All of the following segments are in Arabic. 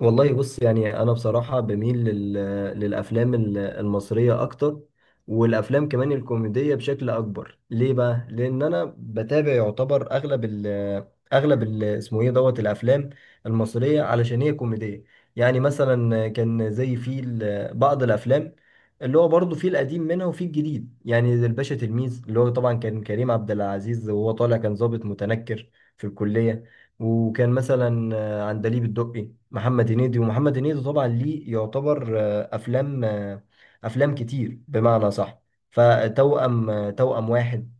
والله بص يعني انا بصراحه بميل للافلام المصريه اكتر. والافلام كمان الكوميديه بشكل اكبر، ليه بقى؟ لان انا بتابع يعتبر اغلب اسمه ايه دوت الافلام المصريه، علشان هي كوميديه. يعني مثلا كان زي بعض الافلام، اللي هو برضه في القديم منها وفي الجديد، يعني زي الباشا تلميذ، اللي هو طبعا كان كريم عبد العزيز، وهو طالع كان ضابط متنكر في الكليه. وكان مثلا عندليب الدقي، محمد هنيدي طبعا ليه يعتبر افلام كتير بمعنى صح. فتوأم توأم واحد.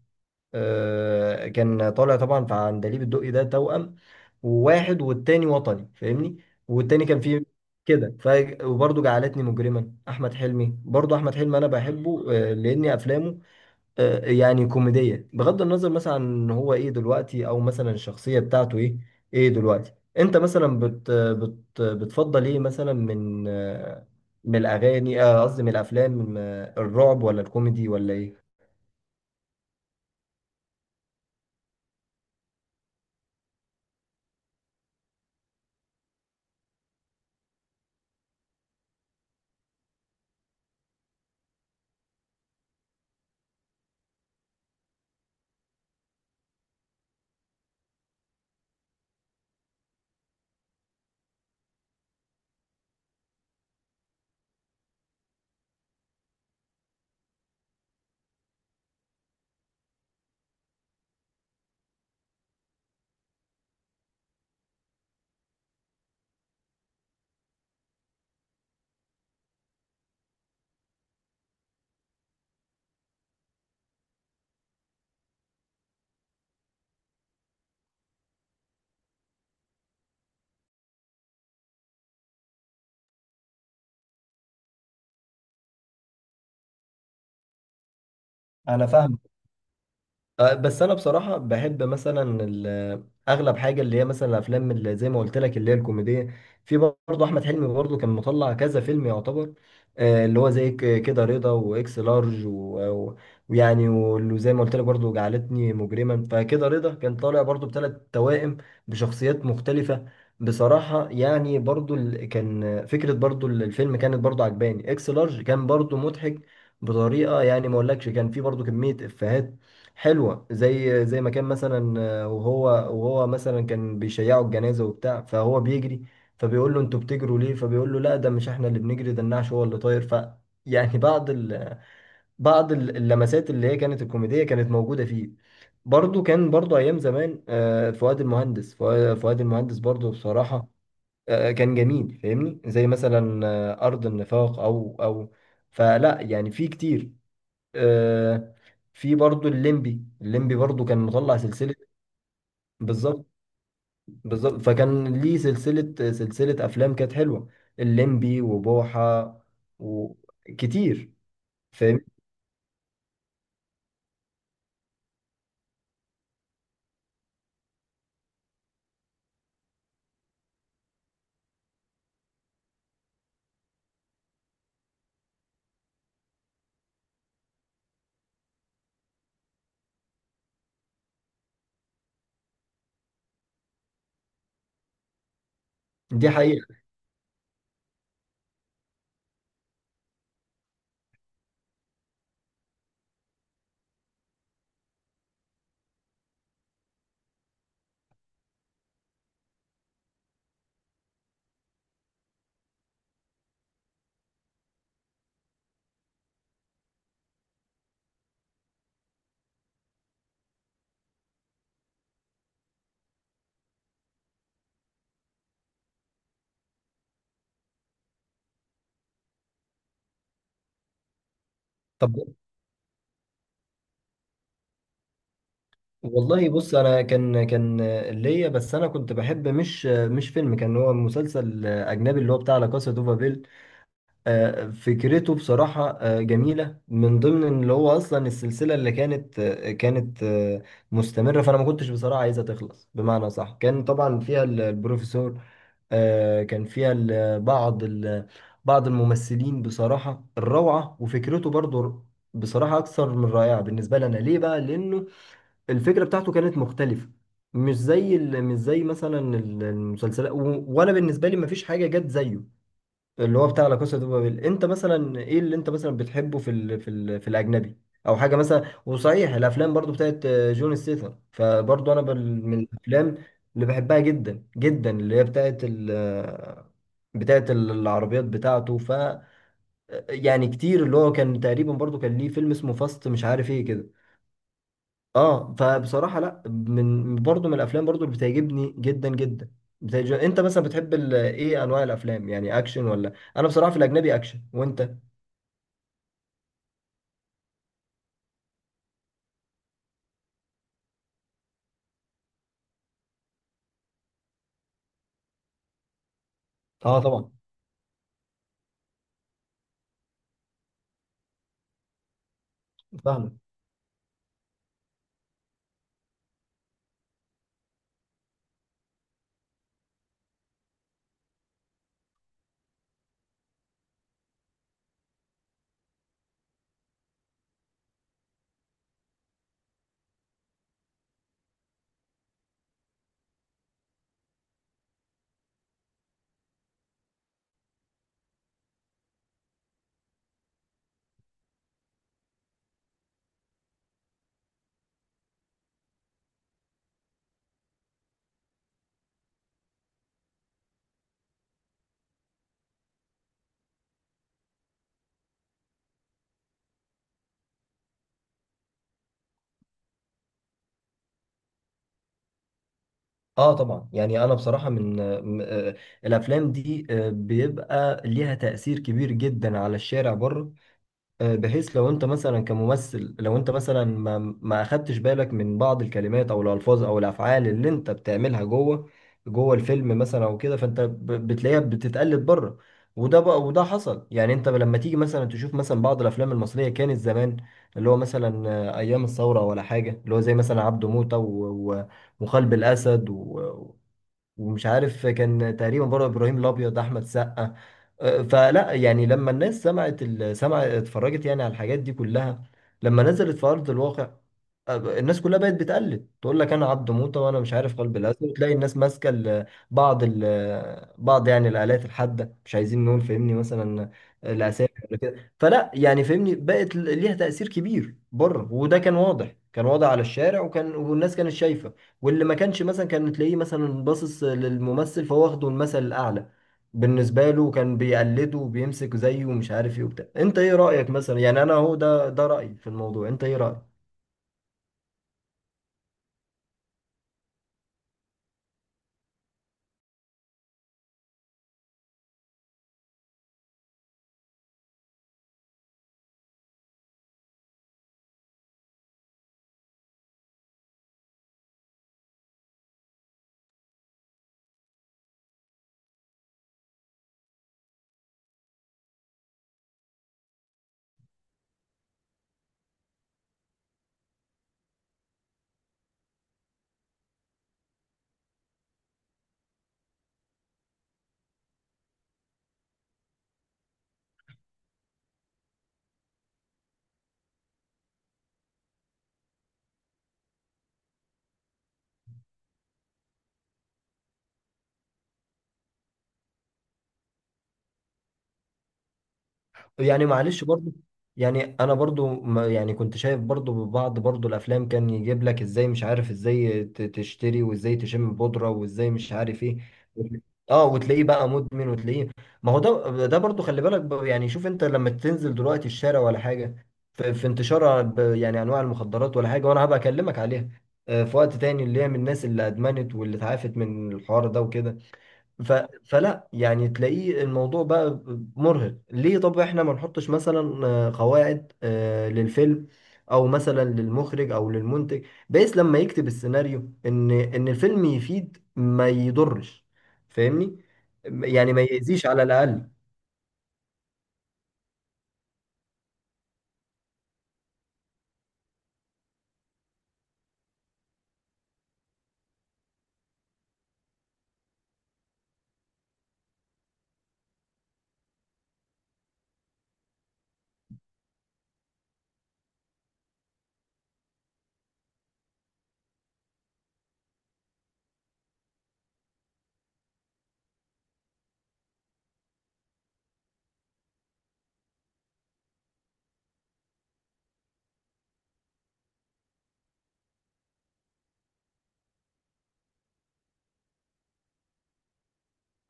كان طالع طبعا في عندليب الدقي ده توأم، وواحد والتاني وطني فاهمني، والتاني كان فيه كده. وبرضه جعلتني مجرما، احمد حلمي، انا بحبه، لان افلامه يعني كوميدية، بغض النظر مثلا عن ان هو ايه دلوقتي او مثلا الشخصية بتاعته ايه. ايه دلوقتي انت مثلا بت بت بتفضل ايه مثلا، من من الاغاني، قصدي من الافلام، من الرعب ولا الكوميدي ولا ايه؟ انا فاهم. بس انا بصراحه بحب مثلا اغلب حاجه اللي هي مثلا الافلام اللي زي ما قلت لك، اللي هي الكوميديه. في برضه احمد حلمي، برضه كان مطلع كذا فيلم يعتبر، اللي هو زي كده رضا واكس لارج و- و- ويعني، واللي زي ما قلت لك برضه جعلتني مجرما. فكده رضا كان طالع برضه ب3 توائم بشخصيات مختلفه، بصراحه. يعني برضه كان فكره برضه الفيلم كانت برضه عجباني. اكس لارج كان برضه مضحك بطريقه، يعني ما اقولكش، كان في برضه كميه افيهات حلوه. زي زي ما كان مثلا، وهو مثلا كان بيشيعوا الجنازه وبتاع، فهو بيجري، فبيقول له انتوا بتجروا ليه، فبيقول له لا ده مش احنا اللي بنجري، ده النعش هو اللي طاير. يعني بعض اللمسات اللي هي كانت الكوميديه كانت موجوده فيه. برضو كان برضو ايام زمان، فؤاد المهندس برضو بصراحه كان جميل فاهمني، زي مثلا ارض النفاق او فلا، يعني في كتير. آه، في برضو الليمبي، برضو كان مطلع سلسلة. بالظبط، بالظبط. فكان ليه سلسلة أفلام كانت حلوة، الليمبي وبوحة وكتير. فاهم. دي حقيقة. طب والله بص، أنا كان ليا، بس أنا كنت بحب مش فيلم، كان هو مسلسل أجنبي اللي هو بتاع لا كاسا دو بابيل. فكرته بصراحة جميلة، من ضمن اللي هو أصلا السلسلة اللي كانت آه، كانت آه، مستمرة. فأنا ما كنتش بصراحة عايزها تخلص بمعنى صح. كان طبعا فيها البروفيسور، كان فيها بعض الممثلين بصراحة الروعة، وفكرته برضو بصراحة أكثر من رائعة بالنسبة لنا. ليه بقى؟ لأنه الفكرة بتاعته كانت مختلفة، مش زي المسلسلات، وأنا بالنسبة لي مفيش حاجة جت زيه، اللي هو بتاع لا كاسا دي بابيل. انت مثلا ايه اللي انت مثلا بتحبه في الاجنبي، او حاجه مثلا؟ وصحيح الافلام برضو بتاعت جون ستيثم، فبرضو انا من الافلام اللي بحبها جدا جدا، اللي هي بتاعت ال آه، بتاعت ال- العربيات بتاعته. ف آه، يعني كتير، اللي هو كان تقريبا برضو كان ليه فيلم اسمه فاست، مش عارف ايه كده. اه، فبصراحه لا، من برضو الافلام برضو اللي بتعجبني جدا جدا. انت مثلا بتحب ايه انواع الافلام، يعني اكشن ولا؟ انا بصراحه في الاجنبي اكشن، وانت؟ اه طبعا. فاهمك. اه طبعا، يعني انا بصراحه من م- آه، الافلام دي بيبقى ليها تاثير كبير جدا على الشارع بره. بحيث لو انت مثلا كممثل، لو انت مثلا ما اخدتش بالك من بعض الكلمات او الالفاظ او الافعال اللي انت بتعملها جوه الفيلم مثلا او كده، فانت بتلاقيها بتتقلد بره. وده حصل. يعني انت لما تيجي مثلا تشوف مثلا بعض الافلام المصريه كانت زمان، اللي هو مثلا ايام الثوره ولا حاجه، اللي هو زي مثلا عبده موته، وخلب الاسد، ومش عارف، كان تقريبا برضه ابراهيم الابيض، احمد سقا. فلا يعني لما الناس سمعت ال- سمع اتفرجت يعني على الحاجات دي كلها، لما نزلت في ارض الواقع، الناس كلها بقت بتقلد، تقول لك انا عبد موته، وانا مش عارف قلب الاسد، وتلاقي الناس ماسكه بعض يعني الالات الحاده، مش عايزين نقول، فهمني مثلا، الاسامي ولا كده. فلا يعني فهمني بقت ليها تاثير كبير بره، وده كان واضح، كان واضح على الشارع. وكان والناس كانت شايفه، واللي ما كانش مثلا كان تلاقيه مثلا باصص للممثل، فهو واخده المثل الاعلى بالنسبة له، كان بيقلده وبيمسك زيه ومش عارف ايه وبتاع. انت ايه رأيك مثلا؟ يعني انا هو ده رأيي في الموضوع، انت ايه رأيك؟ يعني معلش برضو، يعني انا برضو، ما يعني، كنت شايف برضو بعض برضو الافلام كان يجيب لك ازاي، مش عارف ازاي تشتري، وازاي تشم بودرة، وازاي مش عارف ايه، وتل- اه وتلاقيه بقى مدمن وتلاقيه. ما هو ده برضو، خلي بالك، يعني شوف انت لما تنزل دلوقتي الشارع ولا حاجة، في انتشار، يعني انواع المخدرات ولا حاجة. وانا هبقى اكلمك عليها في وقت تاني، اللي هي من الناس اللي ادمنت واللي اتعافت من الحوار ده وكده. ف... فلا يعني تلاقيه الموضوع بقى مرهق. ليه طب احنا ما نحطش مثلا قواعد للفيلم، او مثلا للمخرج او للمنتج، بحيث لما يكتب السيناريو ان الفيلم يفيد ما يضرش، فاهمني؟ يعني ما يأذيش على الاقل.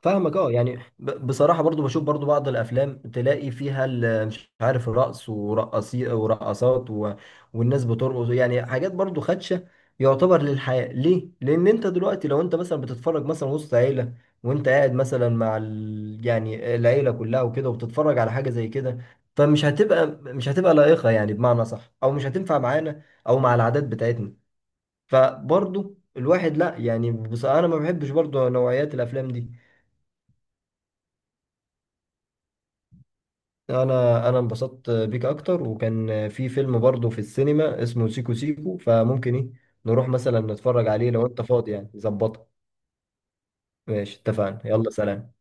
فاهمك. اه يعني بصراحة، برضو بشوف برضو بعض الأفلام تلاقي فيها مش عارف رقص ورقصي ورقصات والناس بترقص، يعني حاجات برضو خدشة يعتبر للحياة. ليه؟ لأن أنت دلوقتي لو أنت مثلا بتتفرج مثلا وسط عيلة، وأنت قاعد مثلا مع يعني العيلة كلها وكده، وبتتفرج على حاجة زي كده، فمش هتبقى مش هتبقى لائقة يعني بمعنى صح، أو مش هتنفع معانا أو مع العادات بتاعتنا. فبرضو الواحد، لا يعني، بص، أنا ما بحبش برضو نوعيات الأفلام دي. انا انبسطت بيك اكتر. وكان في فيلم برضه في السينما اسمه سيكو سيكو، فممكن ايه نروح مثلا نتفرج عليه لو انت فاضي يعني ظبطها؟ ماشي اتفقنا. يلا سلام.